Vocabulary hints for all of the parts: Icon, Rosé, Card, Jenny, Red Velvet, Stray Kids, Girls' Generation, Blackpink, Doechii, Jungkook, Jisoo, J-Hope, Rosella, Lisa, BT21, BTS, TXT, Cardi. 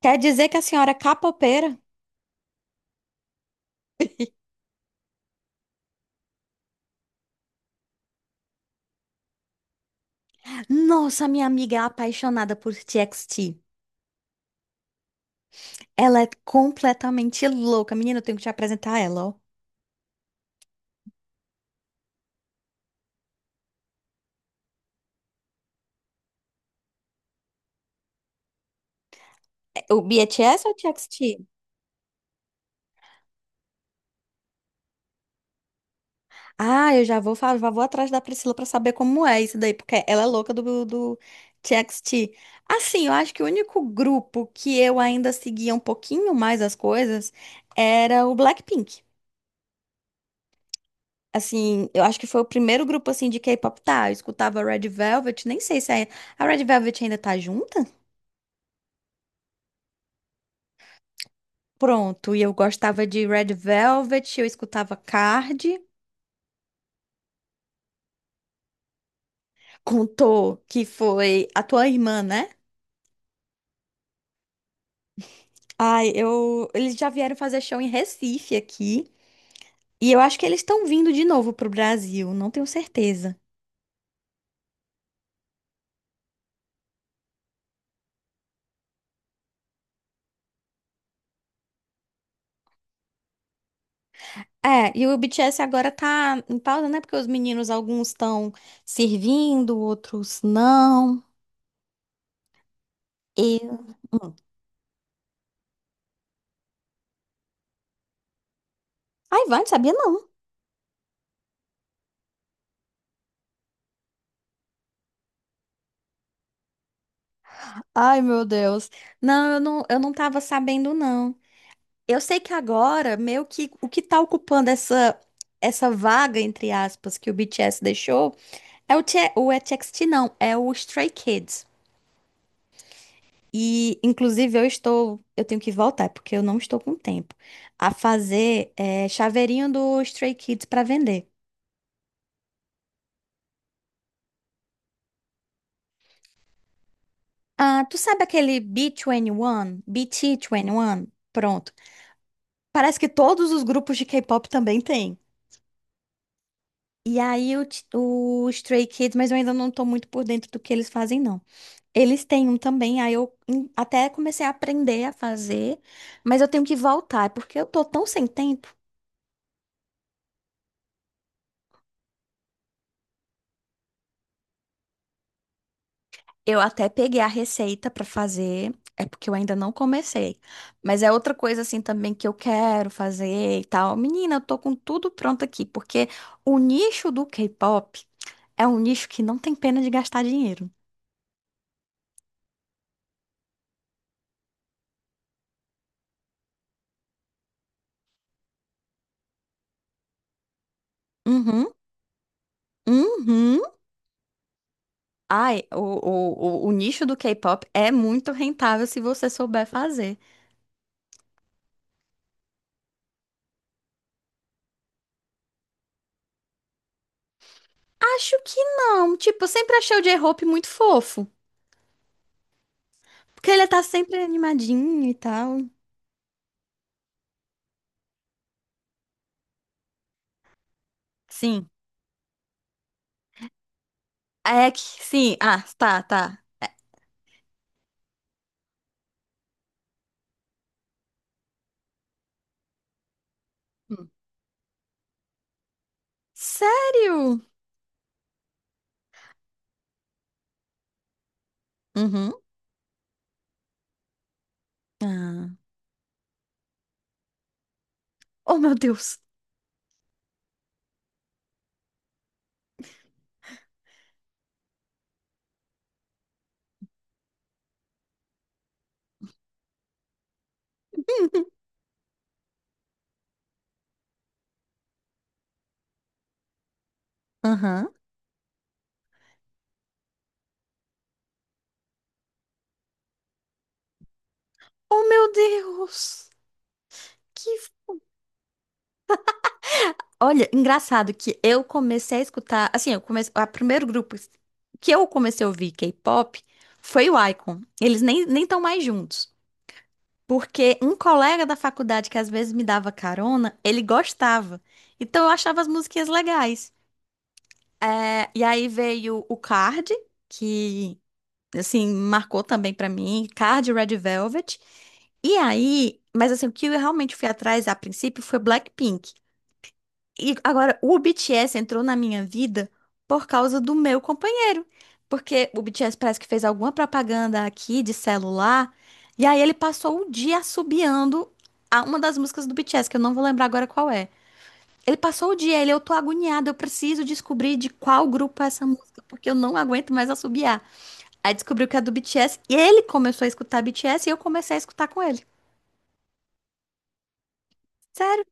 Quer dizer que a senhora é capoeira? Nossa, minha amiga é apaixonada por TXT. Ela é completamente louca. Menina, eu tenho que te apresentar ela, ó. É, o BTS ou o TXT? Ah, eu já vou, já vou atrás da Priscila pra saber como é isso daí, porque ela é louca do TXT. Assim, eu acho que o único grupo que eu ainda seguia um pouquinho mais as coisas era o Blackpink. Assim, eu acho que foi o primeiro grupo assim de K-pop, tá? Eu escutava Red Velvet, nem sei se é. A Red Velvet ainda tá junta. Pronto, e eu gostava de Red Velvet, eu escutava Card, contou que foi a tua irmã, né? Ai, eu eles já vieram fazer show em Recife aqui, e eu acho que eles estão vindo de novo pro Brasil, não tenho certeza. É, e o BTS agora tá em pausa, né? Porque os meninos, alguns estão servindo, outros não. E. Ai, vai, não sabia não. Ai, meu Deus. Não, eu não tava sabendo, não. Eu sei que agora, meio que o que tá ocupando essa vaga, entre aspas, que o BTS deixou, é o TXT, não, é o Stray Kids. E, inclusive, eu tenho que voltar, porque eu não estou com tempo, a fazer chaveirinho do Stray Kids para vender. Ah, tu sabe aquele B21? BT21? Pronto. Parece que todos os grupos de K-pop também têm. E aí o Stray Kids, mas eu ainda não tô muito por dentro do que eles fazem, não. Eles têm um também, aí eu até comecei a aprender a fazer, mas eu tenho que voltar, é porque eu tô tão sem tempo. Eu até peguei a receita pra fazer, é porque eu ainda não comecei. Mas é outra coisa assim também que eu quero fazer e tal. Menina, eu tô com tudo pronto aqui, porque o nicho do K-pop é um nicho que não tem pena de gastar dinheiro. Uhum, uhum. Ai, o nicho do K-pop é muito rentável se você souber fazer. Acho que não. Tipo, eu sempre achei o J-Hope muito fofo. Porque ele tá sempre animadinho e tal. Sim. É que, sim. Ah, tá, tá. Hum. Sério? Uhum. Ah. Oh, meu Deus. Aham. Oh, meu Deus. Que Olha, engraçado que eu comecei a escutar, assim, eu comecei, o primeiro grupo que eu comecei a ouvir K-pop foi o Icon. Eles nem estão mais juntos, porque um colega da faculdade que às vezes me dava carona, ele gostava. Então eu achava as musiquinhas legais. É, e aí veio o Card, que assim marcou também pra mim, Card e Red Velvet. E aí, mas assim, o que eu realmente fui atrás a princípio foi Blackpink. E agora, o BTS entrou na minha vida por causa do meu companheiro. Porque o BTS parece que fez alguma propaganda aqui de celular. E aí ele passou o dia assobiando a uma das músicas do BTS, que eu não vou lembrar agora qual é. Ele passou o dia, eu tô agoniada, eu preciso descobrir de qual grupo é essa música, porque eu não aguento mais assobiar. Aí descobriu que é do BTS, e ele começou a escutar BTS e eu comecei a escutar com ele. Sério.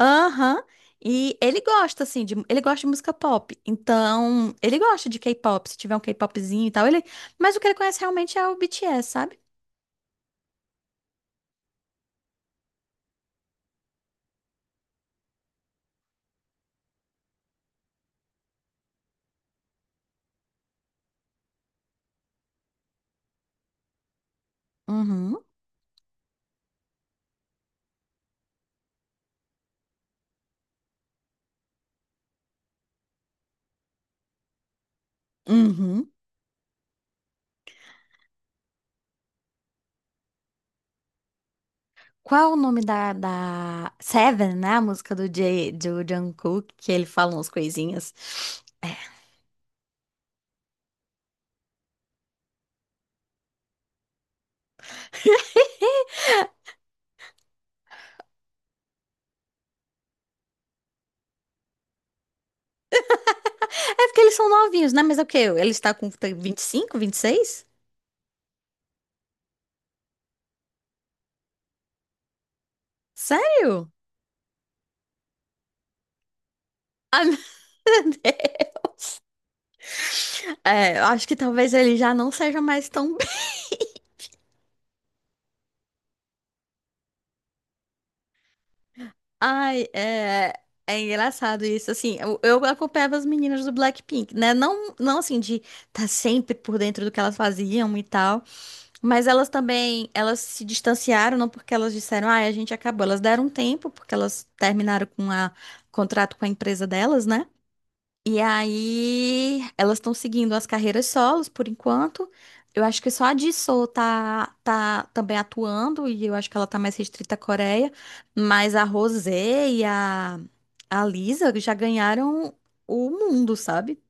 Aham. E ele gosta, assim, ele gosta de música pop. Então, ele gosta de K-pop. Se tiver um K-popzinho e tal, ele. Mas o que ele conhece realmente é o BTS, sabe? Uhum. Uhum. Qual o nome da, da Seven, né? A música do Jungkook, que ele fala umas coisinhas. É porque eles são novinhos, né? Mas é o quê? Ele está com vinte e 26? Sério? Ai, meu Deus. É, eu acho que talvez ele já não seja mais tão. Ai, é, é engraçado isso. Assim, eu acompanhava as meninas do Blackpink, né? Não, não assim, de estar tá sempre por dentro do que elas faziam e tal. Mas elas também, elas se distanciaram, não porque elas disseram, ai, a gente acabou. Elas deram um tempo, porque elas terminaram com a contrato com a empresa delas, né? E aí, elas estão seguindo as carreiras solos por enquanto. Eu acho que só a Jisoo tá também atuando, e eu acho que ela tá mais restrita à Coreia. Mas a Rosé e a Lisa já ganharam o mundo, sabe?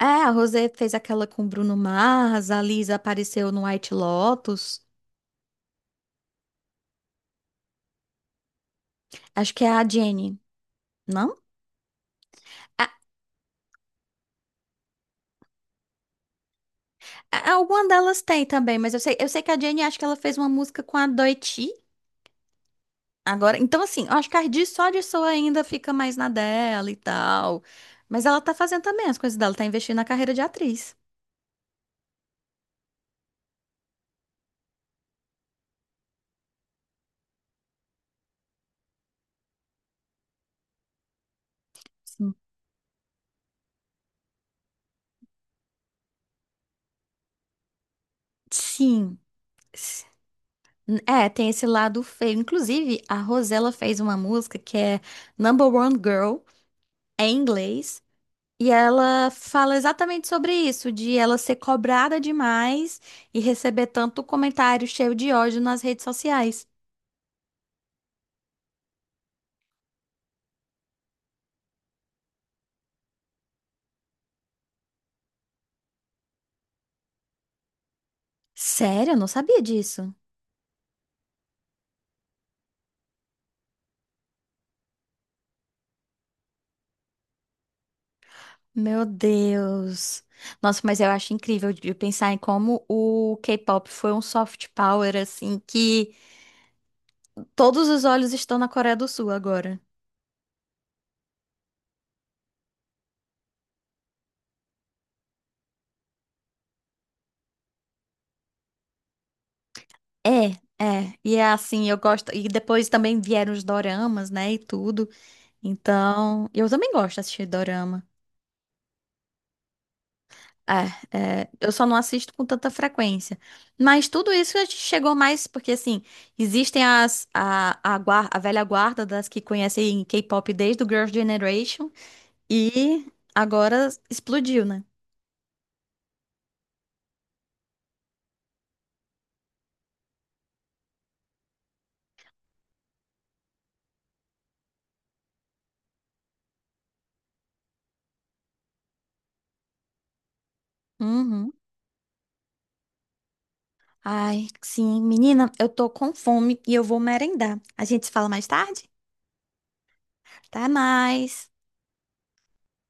É, a Rosé fez aquela com Bruno Mars, a Lisa apareceu no White Lotus. Acho que é a Jenny, não? A- Alguma delas tem também, mas eu sei que a Jenny acho que ela fez uma música com a Doechii. Agora, então assim, eu acho que a Cardi só de só ainda fica mais na dela e tal. Mas ela tá fazendo também as coisas dela, tá investindo na carreira de atriz. Sim. Sim. S- É, tem esse lado feio. Inclusive, a Rosella fez uma música que é Number One Girl, é em inglês, e ela fala exatamente sobre isso, de ela ser cobrada demais e receber tanto comentário cheio de ódio nas redes sociais. Sério, eu não sabia disso. Meu Deus. Nossa, mas eu acho incrível de pensar em como o K-pop foi um soft power, assim, que todos os olhos estão na Coreia do Sul agora. É, é. E é assim, eu gosto. E depois também vieram os doramas, né, e tudo. Então, eu também gosto de assistir dorama. É, é, eu só não assisto com tanta frequência. Mas tudo isso a gente chegou mais porque, assim, existem as, a, guar- a velha guarda das que conhecem K-pop desde o Girls' Generation. E agora explodiu, né? Uhum. Ai, sim, menina, eu tô com fome e eu vou merendar. A gente se fala mais tarde? Até mais.